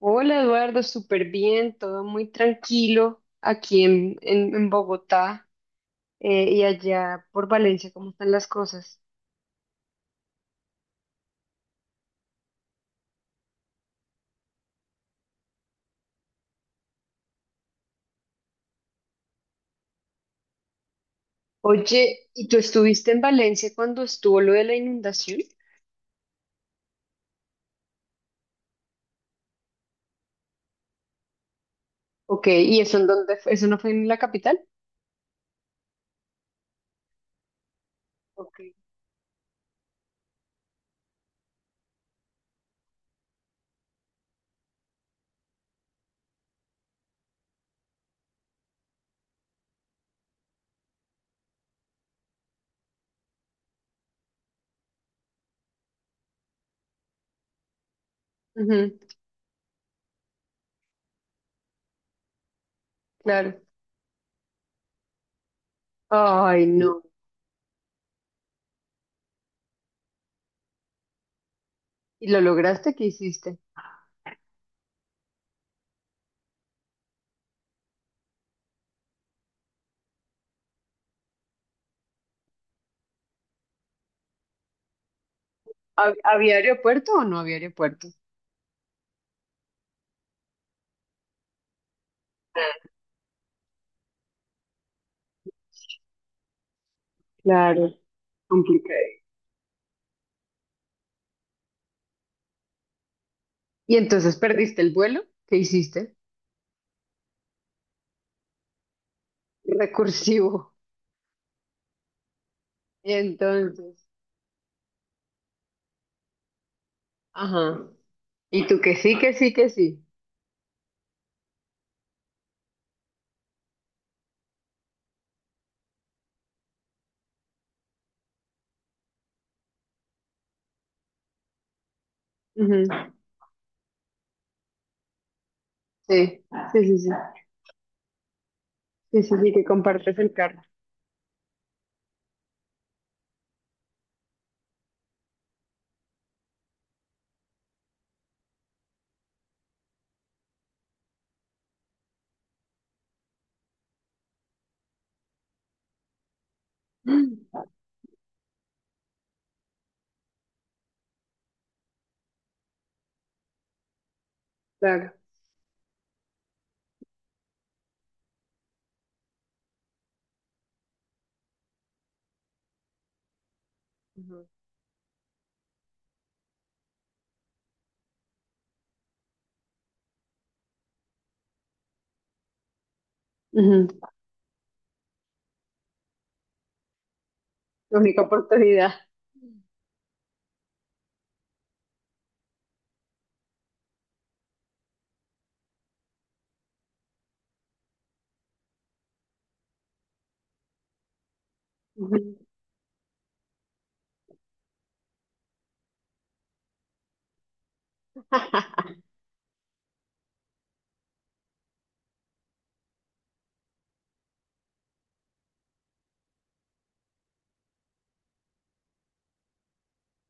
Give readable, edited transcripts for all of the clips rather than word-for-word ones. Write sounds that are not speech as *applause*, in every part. Hola Eduardo, súper bien, todo muy tranquilo aquí en Bogotá. Y allá por Valencia, ¿cómo están las cosas? Oye, ¿y tú estuviste en Valencia cuando estuvo lo de la inundación? Ok, ¿y eso en dónde fue? ¿Eso no fue en la capital? Ok. Ujú. Claro. Ay, no. ¿Y lo lograste? ¿Qué hiciste? ¿Había aeropuerto o no había aeropuerto? Claro, complicado. ¿Y entonces perdiste el vuelo? ¿Qué hiciste? Recursivo. Y entonces, ajá. Y tú que sí, que sí, que sí. Ujú. Sí, sí, sí, sí. Sí, sí, sí, que compartes el carro. Mm. *gasps* Claro. Ujú. Ujú. La única oportunidad. Ujú. *laughs*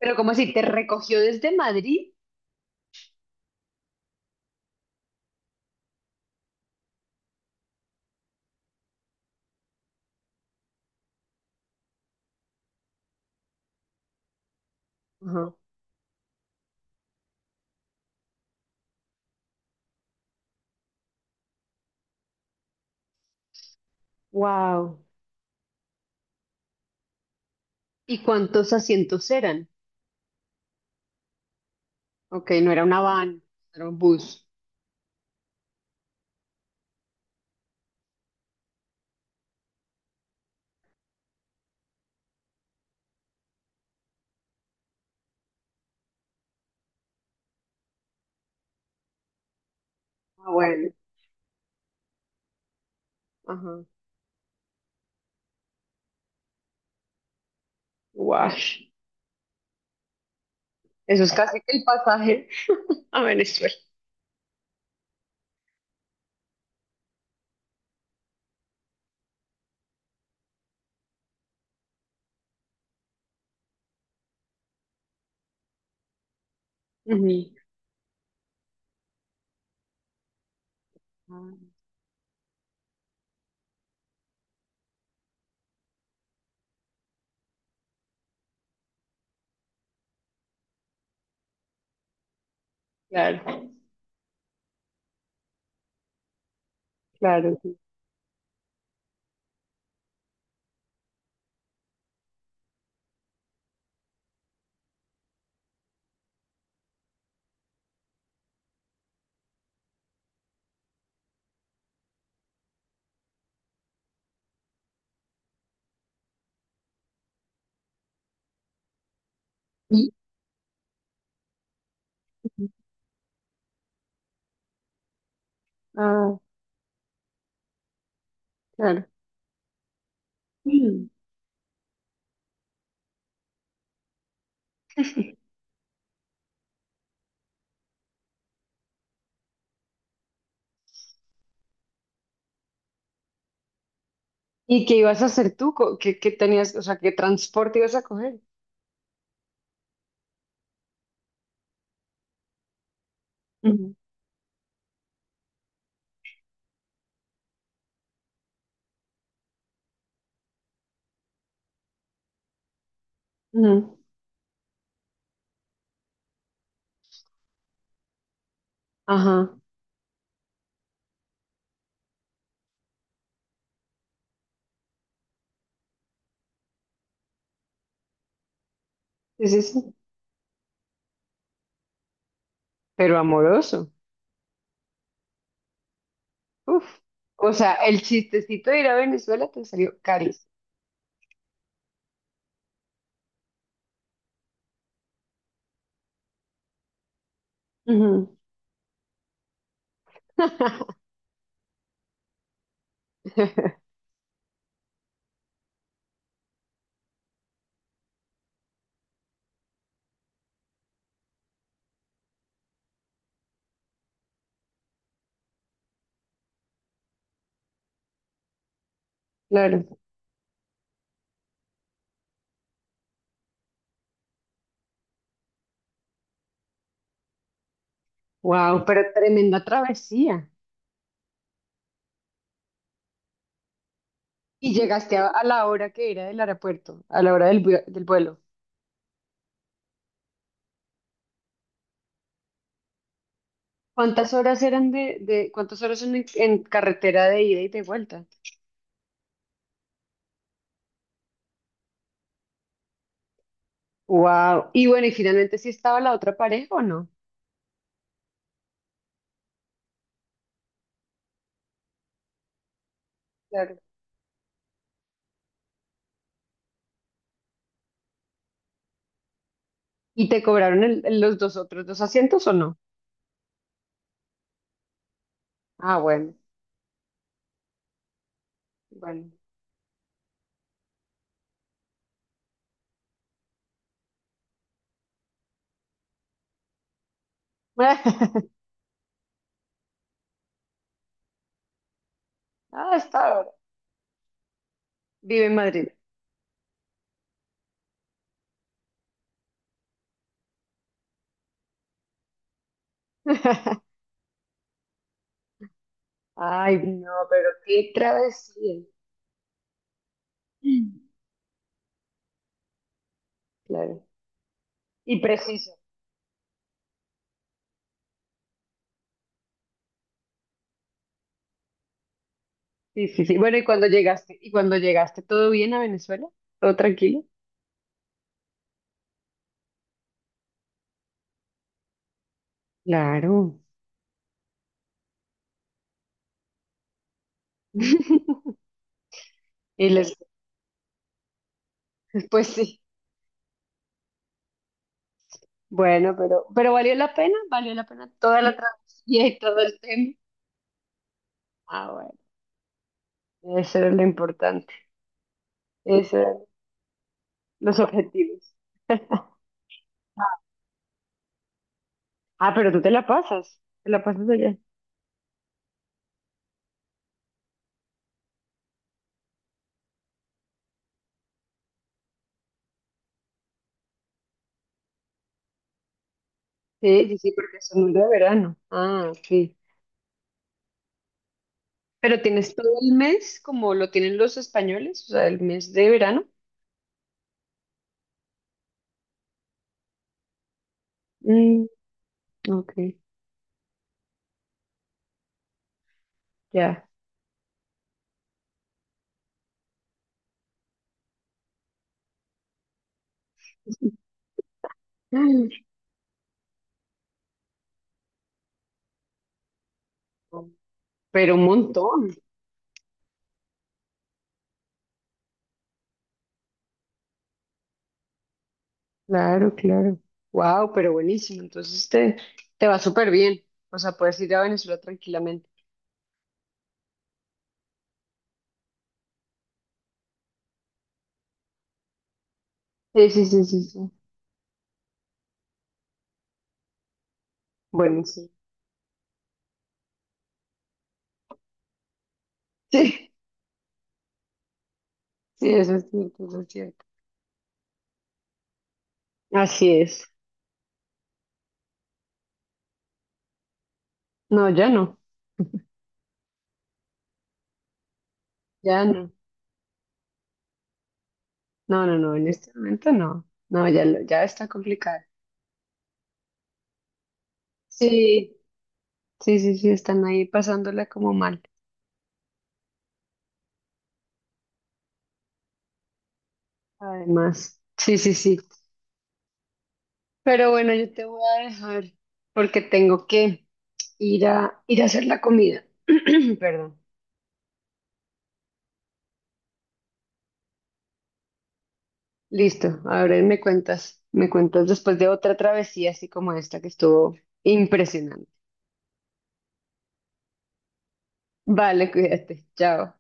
Pero como si te recogió desde Madrid. Ajá. Wow. ¿Y cuántos asientos eran? Ok, no era una van, era un bus. Ah, bueno, ajá. Guash. Eso es casi que el pasaje a Venezuela. Ujú. Ah, claro, claro, sí. y- ah, claro. Mm. ¿Y qué ibas a hacer tú? ¿Qué, qué tenías, o sea, qué transporte ibas a coger? Ujú, ujú. Ajá, sí, sí, sí. Pero amoroso. Uf. O sea, el chistecito de ir a Venezuela te salió carísimo. Ujú. *laughs* Claro. Wow, pero tremenda travesía. Y llegaste a la hora que era del aeropuerto, a la hora del, del vuelo. ¿Cuántas horas eran de cuántas horas son en carretera de ida y de vuelta? Wow. Y bueno, y finalmente sí estaba la otra pareja o no? Claro. ¿Y te cobraron los dos otros dos asientos o no? Ah, bueno, bueno. *laughs* Ah, está ahora. Vive en Madrid. *laughs* Ay, no, pero qué travesía. Mm. Claro. Y preciso. Sí, sí, sí. Bueno, ¿y cuando llegaste? ¿Y cuando llegaste todo bien a Venezuela? ¿Todo tranquilo? Claro. *laughs* Y les, pues sí, bueno, pero valió la pena toda la travesía y todo el tema. Ah, bueno, eso era lo importante, esos eran los objetivos. Ah, pero tú te la pasas allá. Sí, sí, sí, porque es un de verano. Ah, sí. Pero tienes todo el mes como lo tienen los españoles, o sea, el mes de verano. Mm, ok, ya. Mm. Pero un montón. Claro, claro. Wow, pero buenísimo. Entonces te va súper bien. O sea, puedes ir a Venezuela tranquilamente. Sí, sí, sí, sí, sí. Bueno, *laughs* sí. Sí, sí, eso es cierto, eso es cierto. Así es. No, ya no, ya no. No, no, no, en este momento no. No, ya, ya está complicado. Sí, sí, sí, sí, están ahí pasándola como mal. Además, sí, sí, sí. Pero bueno, yo te voy a dejar porque tengo que ir a, ir a hacer la comida. *clears throat* Perdón. Listo, ahora me cuentas después de otra travesía así como esta que estuvo impresionante. Vale, cuídate, chao.